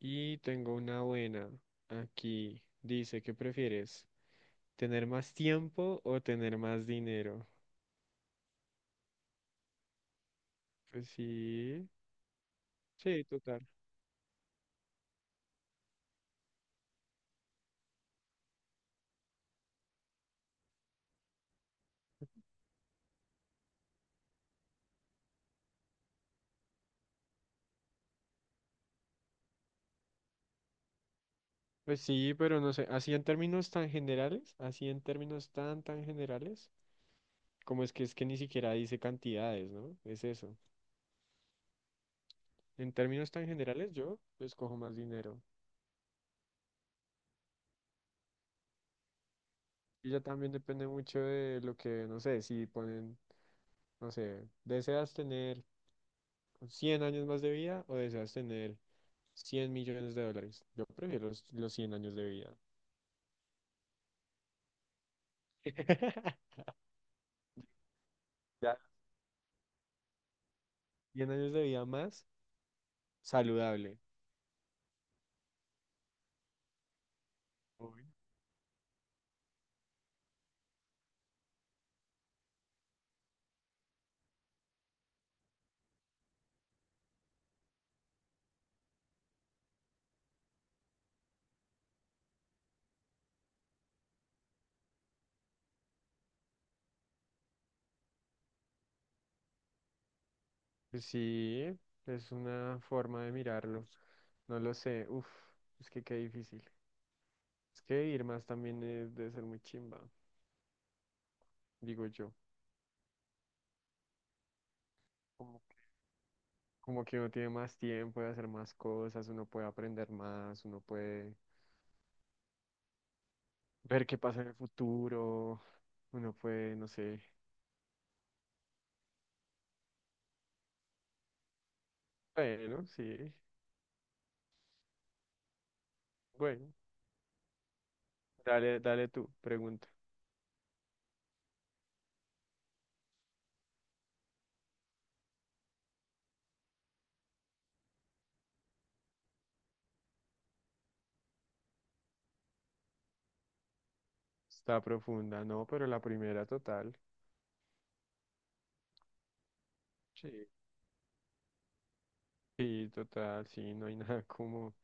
Y tengo una buena. Aquí dice, ¿qué prefieres? ¿Tener más tiempo o tener más dinero? Pues sí, sí, total. Pues sí, pero no sé, así en términos tan generales, así en términos tan generales, como es que ni siquiera dice cantidades, ¿no? Es eso. En términos tan generales, yo escojo más dinero. Y ya también depende mucho de lo que, no sé, si ponen, no sé, ¿deseas tener 100 años más de vida o deseas tener $100 millones? Yo prefiero los 100 años de vida. Ya. 100 años de vida más saludable. Uy. Pues sí, es una forma de mirarlo. No lo sé. Uf, es que qué difícil. Es que vivir más también debe ser muy chimba, digo yo. Como, como que uno tiene más tiempo de hacer más cosas, uno puede aprender más, uno puede ver qué pasa en el futuro, uno puede, no sé. Bueno, sí. Bueno, dale, dale tú, pregunta. Está profunda, no, pero la primera total. Sí. Sí, total, sí, no hay nada como,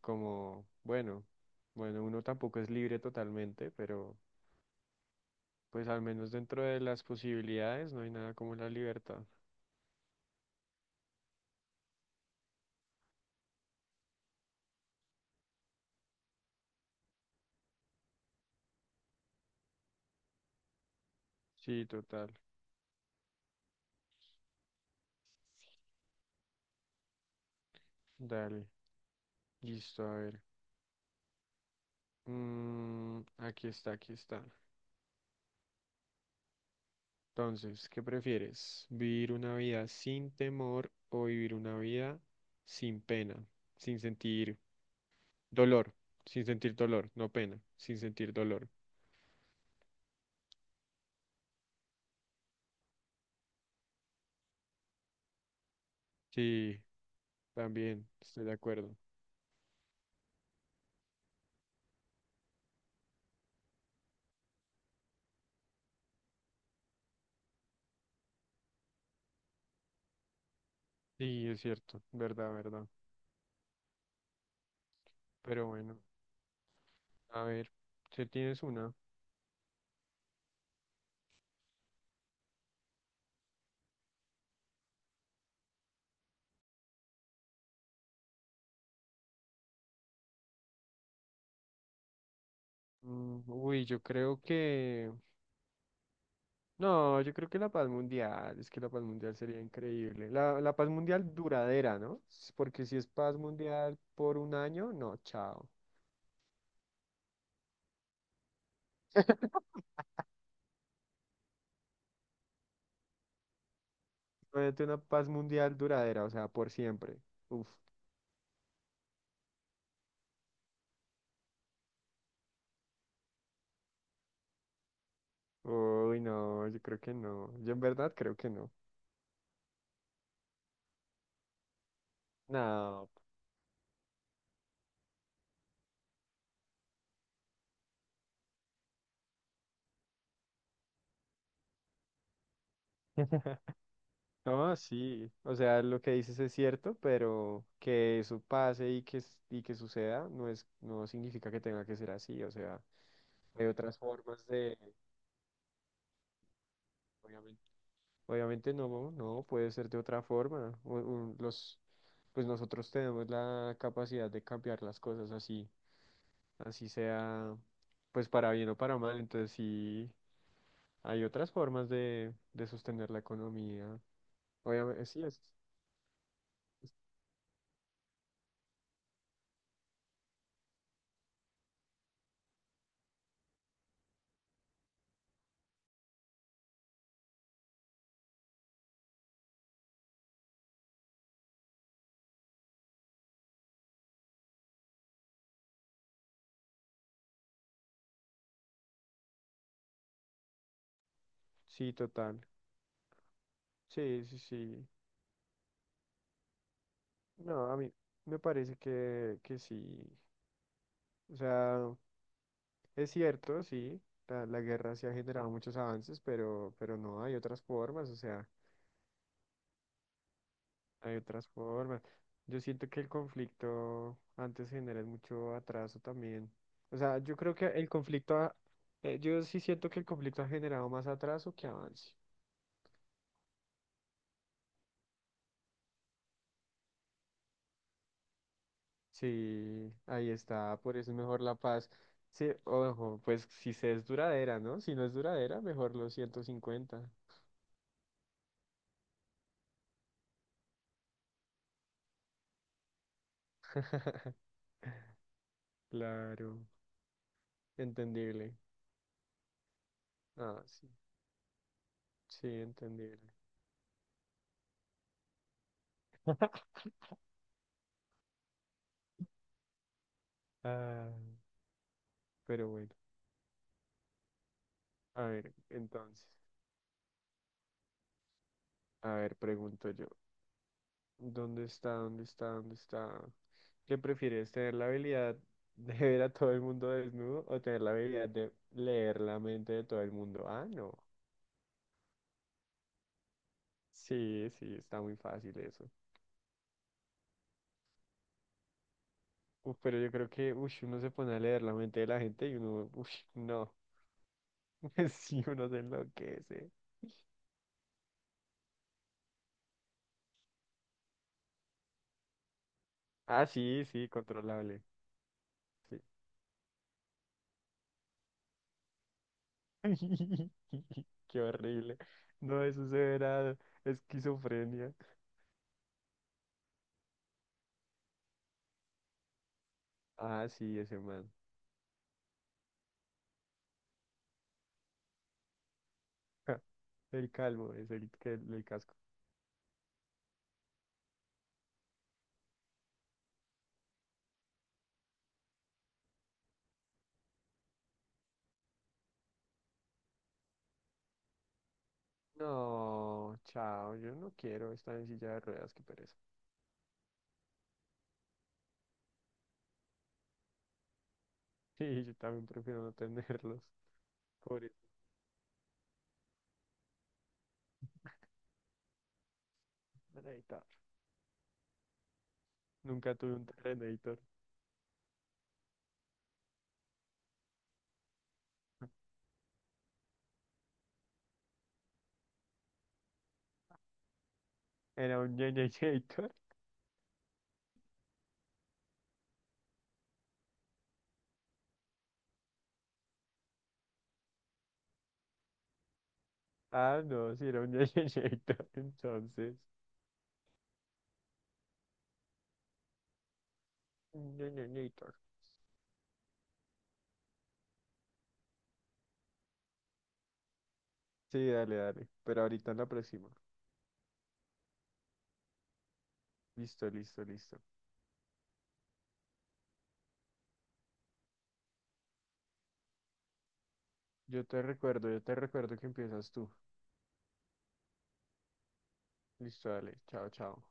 como, bueno, bueno, uno tampoco es libre totalmente, pero pues al menos dentro de las posibilidades no hay nada como la libertad. Sí, total. Dale, listo, a ver. Mm, aquí está, aquí está. Entonces, ¿qué prefieres? ¿Vivir una vida sin temor o vivir una vida sin pena, sin sentir dolor, sin sentir dolor, no pena, sin sentir dolor? Sí, también estoy de acuerdo. Sí, es cierto, verdad, verdad. Pero bueno, a ver, si tienes una. Uy, yo creo que no, yo creo que la paz mundial, es que la paz mundial sería increíble. La paz mundial duradera, ¿no? Porque si es paz mundial por un año, no, chao. Obviamente una paz mundial duradera, o sea, por siempre. Uf. Uy, no, yo creo que no. Yo en verdad creo que no. No. No, sí. O sea, lo que dices es cierto, pero que eso pase y que, y que suceda no es, no significa que tenga que ser así. O sea, hay otras formas de, obviamente, obviamente no, no, puede ser de otra forma. Pues nosotros tenemos la capacidad de cambiar las cosas así. Así sea, pues para bien o para mal. Entonces sí, hay otras formas de sostener la economía. Obviamente, sí, es, es- sí, total. Sí, sí, sí. No, a mí me parece que sí. O sea, es cierto, sí, la guerra sí ha generado muchos avances, pero no, hay otras formas. O sea, hay otras formas. Yo siento que el conflicto antes genera mucho atraso también. O sea, yo creo que el conflicto, yo sí siento que el conflicto ha generado más atraso que avance. Sí, ahí está, por eso es mejor la paz. Sí, ojo, pues si se es duradera, ¿no? Si no es duradera, mejor los 150. Claro, entendible. Ah, sí, sí, entendible. Ah, pero bueno, a ver, entonces, a ver, pregunto yo. ¿Dónde está? ¿Dónde está? ¿Dónde está? ¿Qué prefieres? ¿Tener la habilidad de ver a todo el mundo desnudo o tener la habilidad de leer la mente de todo el mundo? Ah, no. Sí, sí, está muy fácil eso. Uf, pero yo creo que ush, uno se pone a leer la mente de la gente y uno, uff, no. Sí, uno se enloquece. Ah, sí, sí, controlable. Sí. Qué horrible. No, eso se verá esquizofrenia. Ah, sí, ese man. El calvo es el casco. No, chao, yo no quiero estar en silla de ruedas, qué pereza. Sí, yo también prefiero no tenerlos. Pobre Terrenator. Nunca tuve un Terrenator. ¿Era un Ñeñeñator? Ah, no, sí, era un Ñeñeñator, entonces. Un Ñeñeñator. Sí, dale, dale. Pero ahorita en la próxima. Listo, listo, listo. Yo te recuerdo que empiezas tú. Listo, dale. Chao, chao.